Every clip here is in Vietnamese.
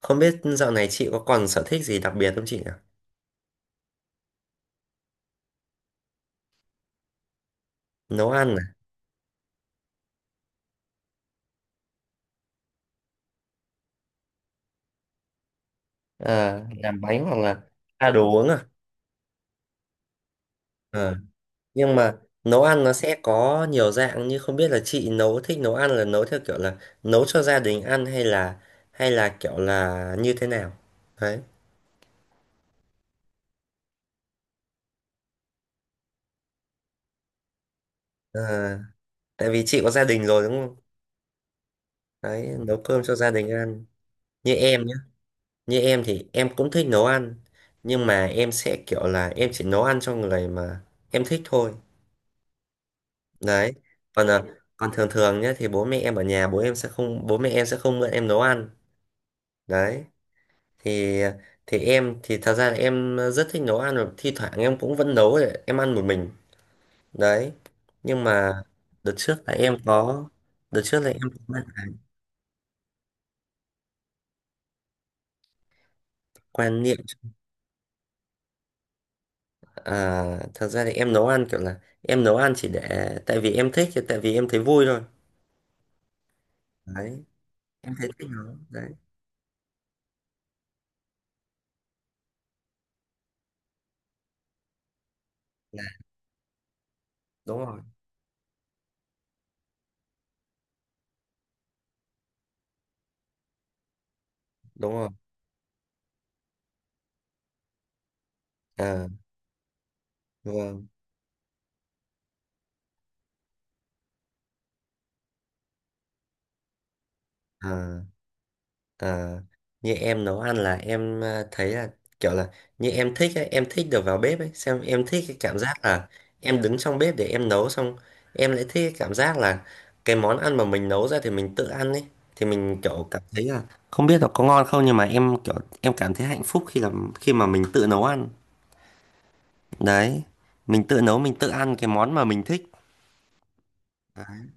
Không biết dạo này chị có còn sở thích gì đặc biệt không chị nhỉ? Nấu ăn à? Ờ, làm bánh hoặc là đồ uống à? Ờ. Nhưng mà nấu ăn nó sẽ có nhiều dạng, như không biết là chị thích nấu ăn là nấu theo kiểu là nấu cho gia đình ăn, hay là kiểu là như thế nào? Đấy. Ờ, tại vì chị có gia đình rồi đúng không? Đấy, nấu cơm cho gia đình ăn. Như em nhé, như em thì em cũng thích nấu ăn. Nhưng mà em sẽ kiểu là em chỉ nấu ăn cho người mà em thích thôi. Đấy. Còn à, còn thường thường nhé, thì bố mẹ em ở nhà, bố mẹ em sẽ không mượn em nấu ăn. Đấy. Thì thì em thì thật ra là em rất thích nấu ăn, và thi thoảng em cũng vẫn nấu để em ăn một mình. Đấy. Nhưng mà đợt trước là em có đợt trước là em có quan niệm. Thật ra thì em nấu ăn kiểu là em nấu ăn chỉ để, tại vì em thích, tại vì em thấy vui thôi. Đấy, em thấy thích nấu. Đấy. Là- đúng rồi, đúng rồi. À, vâng. À. Ờ, như em nấu ăn là em thấy là, kiểu là, như em thích ấy, em thích được vào bếp ấy, xem em thích cái cảm giác là em đứng trong bếp để em nấu, xong em lại thích cái cảm giác là cái món ăn mà mình nấu ra thì mình tự ăn ấy, thì mình kiểu cảm thấy là không biết là có ngon không, nhưng mà em kiểu em cảm thấy hạnh phúc khi mà mình tự nấu ăn. Đấy, mình tự nấu mình tự ăn cái món mà mình thích. Đấy,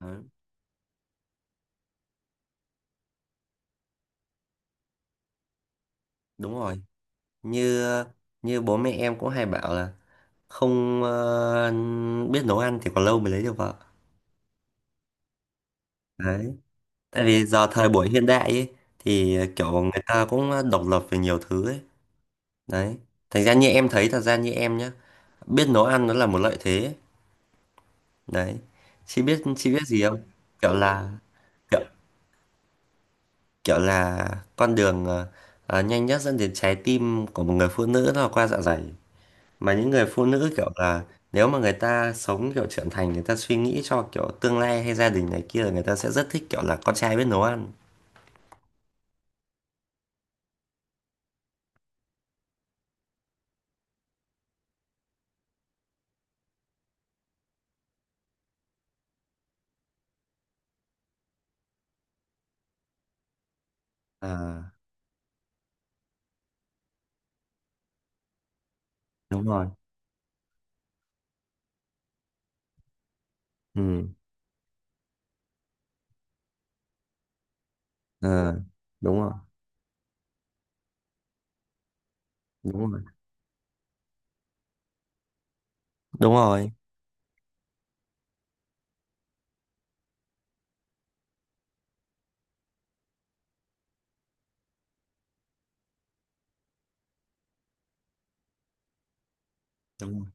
đấy, đúng rồi. Như như bố mẹ em cũng hay bảo là không biết nấu ăn thì còn lâu mới lấy được vợ. Đấy, tại vì giờ thời buổi hiện đại ấy, thì kiểu người ta cũng độc lập về nhiều thứ ấy. Đấy, thành ra như em thấy, thật ra như em nhá, biết nấu ăn nó là một lợi thế ấy. Đấy, chị biết gì không? Kiểu là kiểu, kiểu là con đường nhanh nhất dẫn đến trái tim của một người phụ nữ nó là qua dạ dày, mà những người phụ nữ kiểu là, nếu mà người ta sống kiểu trưởng thành, người ta suy nghĩ cho kiểu tương lai hay gia đình này kia, là người ta sẽ rất thích kiểu là con trai biết nấu ăn. À, đúng rồi. Ừ. Ờ, đúng rồi, đúng rồi, đúng rồi, đúng rồi.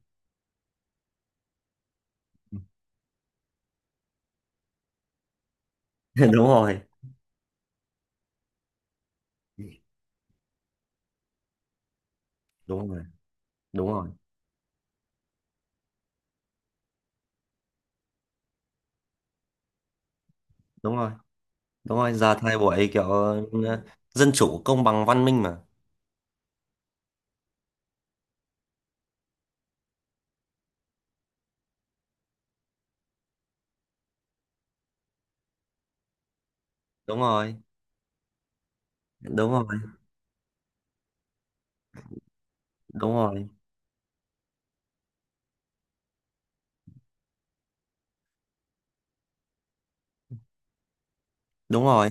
Đúng rồi, đúng rồi, đúng rồi, đúng rồi, đúng rồi, giờ thời buổi kiểu dân chủ công bằng văn minh mà. Đúng rồi, đúng rồi, đúng rồi, đúng rồi,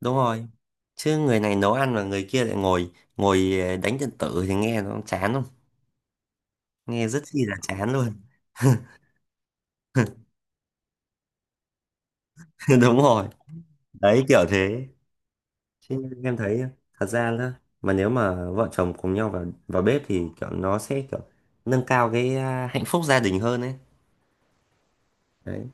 đúng rồi, chứ người này nấu ăn mà người kia lại ngồi ngồi đánh điện tử thì nghe nó chán không, nghe rất chi là chán luôn. Đúng rồi, đấy kiểu thế, chứ em thấy thật ra đó, mà nếu mà vợ chồng cùng nhau vào vào bếp thì kiểu nó sẽ kiểu nâng cao cái hạnh phúc gia đình hơn ấy. Đấy,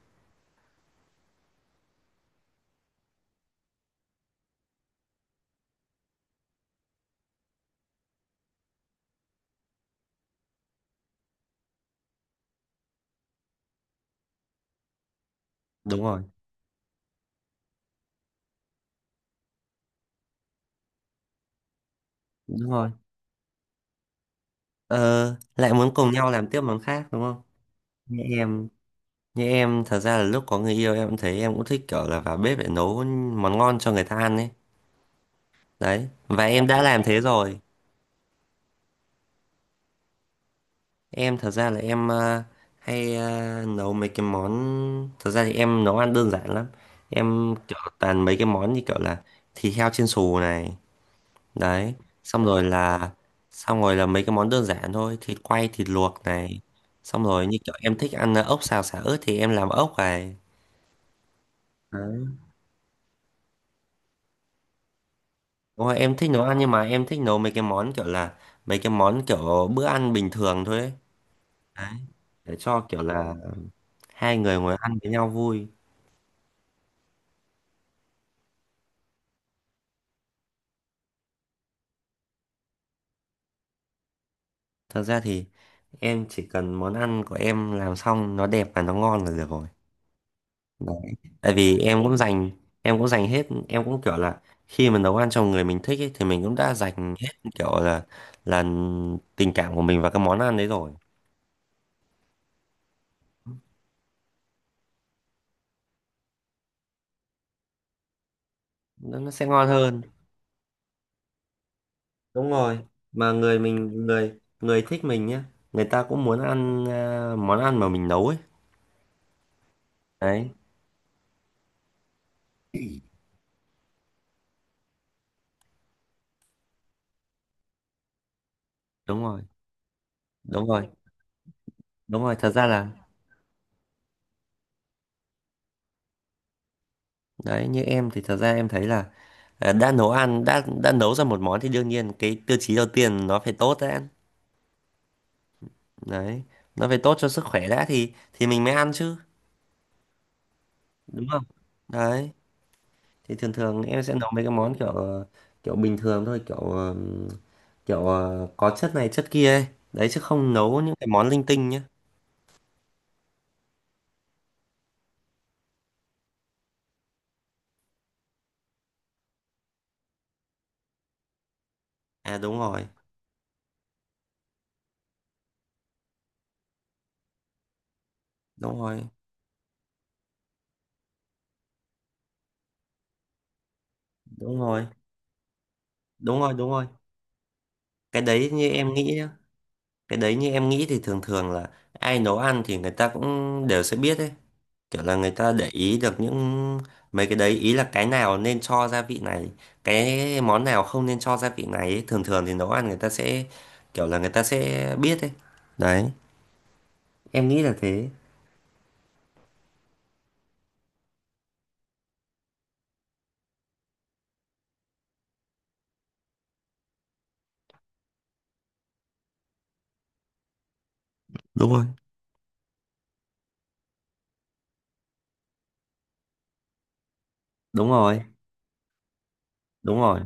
đúng rồi, đúng rồi, ờ, lại muốn cùng nhau làm tiếp món khác đúng không. Như em như em thật ra là lúc có người yêu, em cũng thấy, em cũng thích kiểu là vào bếp để nấu món ngon cho người ta ăn ấy. Đấy, và em đã làm thế rồi. Em thật ra là em hay nấu mấy cái món, thật ra thì em nấu ăn đơn giản lắm. Em kiểu toàn mấy cái món như kiểu là thịt heo chiên xù này. Đấy. Xong rồi là Xong rồi là mấy cái món đơn giản thôi, thịt quay, thịt luộc này. Xong rồi như kiểu em thích ăn ốc xào xả ớt thì em làm ốc này. Đấy. Đúng rồi, em thích nấu ăn, nhưng mà em thích nấu mấy cái món kiểu bữa ăn bình thường thôi ấy. Đấy, để cho kiểu là hai người ngồi ăn với nhau vui. Thật ra thì em chỉ cần món ăn của em làm xong nó đẹp và nó ngon là được rồi. Đấy. Tại vì em cũng dành hết, em cũng kiểu là khi mà nấu ăn cho người mình thích ấy, thì mình cũng đã dành hết kiểu là tình cảm của mình vào cái món ăn đấy rồi. Nó sẽ ngon hơn. Đúng rồi. Mà người thích mình nhá, người ta cũng muốn ăn món ăn mà mình nấu ấy. Đấy, đúng rồi. Đúng rồi. Đúng rồi, thật ra là. Đấy, như em thì thật ra em thấy là đã nấu ra một món thì đương nhiên cái tiêu chí đầu tiên nó phải tốt đã. Đấy, nó phải tốt cho sức khỏe đã, thì mình mới ăn chứ, đúng không. Đấy, thì thường thường em sẽ nấu mấy cái món kiểu kiểu bình thường thôi, kiểu có chất này chất kia ấy. Đấy, chứ không nấu những cái món linh tinh nhá. À, đúng rồi, đúng rồi, đúng rồi, đúng rồi, đúng rồi. Cái đấy như em nghĩ nhá cái đấy như em nghĩ thì thường thường là ai nấu ăn thì người ta cũng đều sẽ biết ấy, kiểu là người ta để ý được những mấy cái đấy, ý là cái nào nên cho gia vị này, cái món nào không nên cho gia vị này ấy. Thường thường thì nấu ăn người ta sẽ kiểu là người ta sẽ biết ấy. Đấy, em nghĩ là thế. Đúng rồi, đúng rồi, đúng rồi,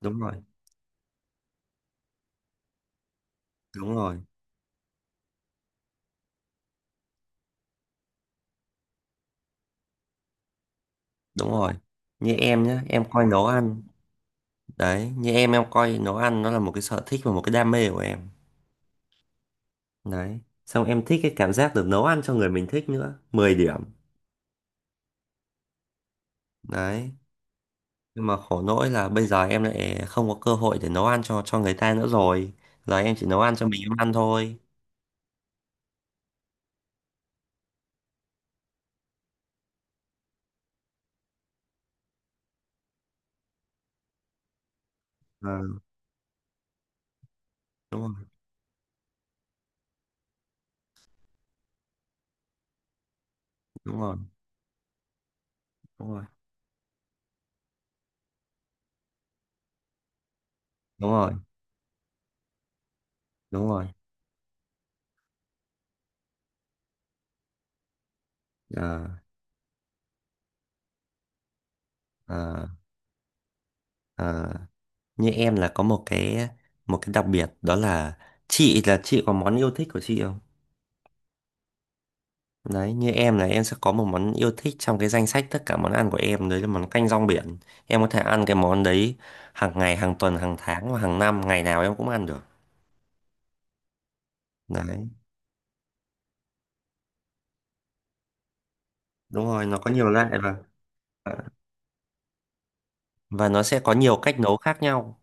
đúng rồi, đúng rồi, đúng rồi, như em nhá em coi nấu ăn. Đấy, như em coi nấu ăn nó là một cái sở thích và một cái đam mê của em. Đấy, xong em thích cái cảm giác được nấu ăn cho người mình thích nữa, 10 điểm. Đấy, nhưng mà khổ nỗi là bây giờ em lại không có cơ hội để nấu ăn cho người ta nữa rồi, giờ em chỉ nấu ăn cho mình em ăn thôi. Ờ, đúng rồi, đúng rồi, đúng rồi, đúng rồi, đúng rồi. Ờ, ờ, ờ. Như em là có một cái đặc biệt đó là, chị có món yêu thích của chị không? Đấy, như em là em sẽ có một món yêu thích trong cái danh sách tất cả món ăn của em, đấy là món canh rong biển. Em có thể ăn cái món đấy hàng ngày, hàng tuần, hàng tháng, và hàng năm, ngày nào em cũng ăn được. Đấy, đúng rồi, nó có nhiều loại, và nó sẽ có nhiều cách nấu khác nhau.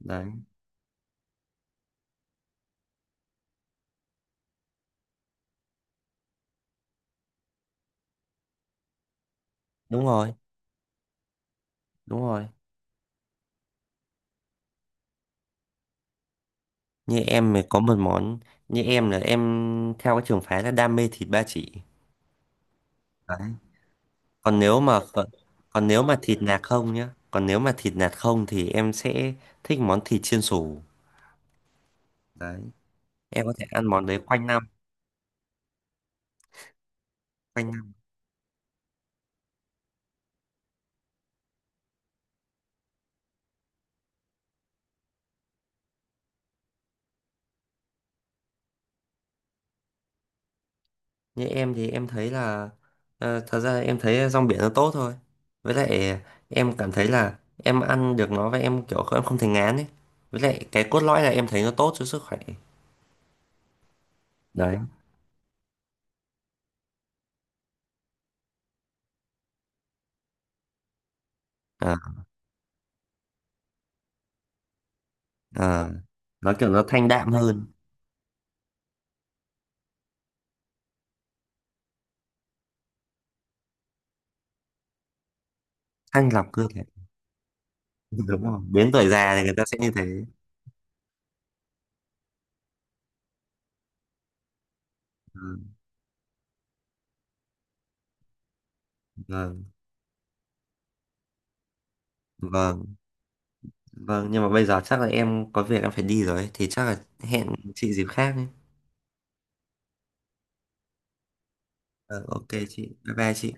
Đấy, đúng rồi, đúng rồi, như em mới có một món, như em là em theo cái trường phái là đam mê thịt ba chỉ. Đấy, còn nếu mà còn, còn nếu mà thịt nạc không thì em sẽ thích món thịt chiên xù. Đấy, em có thể ăn món đấy quanh năm, quanh Như em thì em thấy là thật ra em thấy rong biển nó tốt thôi. Với lại em cảm thấy là em ăn được nó, và em kiểu em không thấy ngán ấy. Với lại cái cốt lõi là em thấy nó tốt cho sức khỏe. Đấy. Ờ, ờ. Nó kiểu nó thanh đạm hơn, thanh lọc cơ thể. Đúng không? Đến tuổi già thì người ta sẽ như thế. Ừ, vâng, vâng, vâng. Nhưng mà bây giờ chắc là em có việc em phải đi rồi ấy, thì chắc là hẹn chị dịp khác nhé. Ờ, ok chị. Bye bye chị.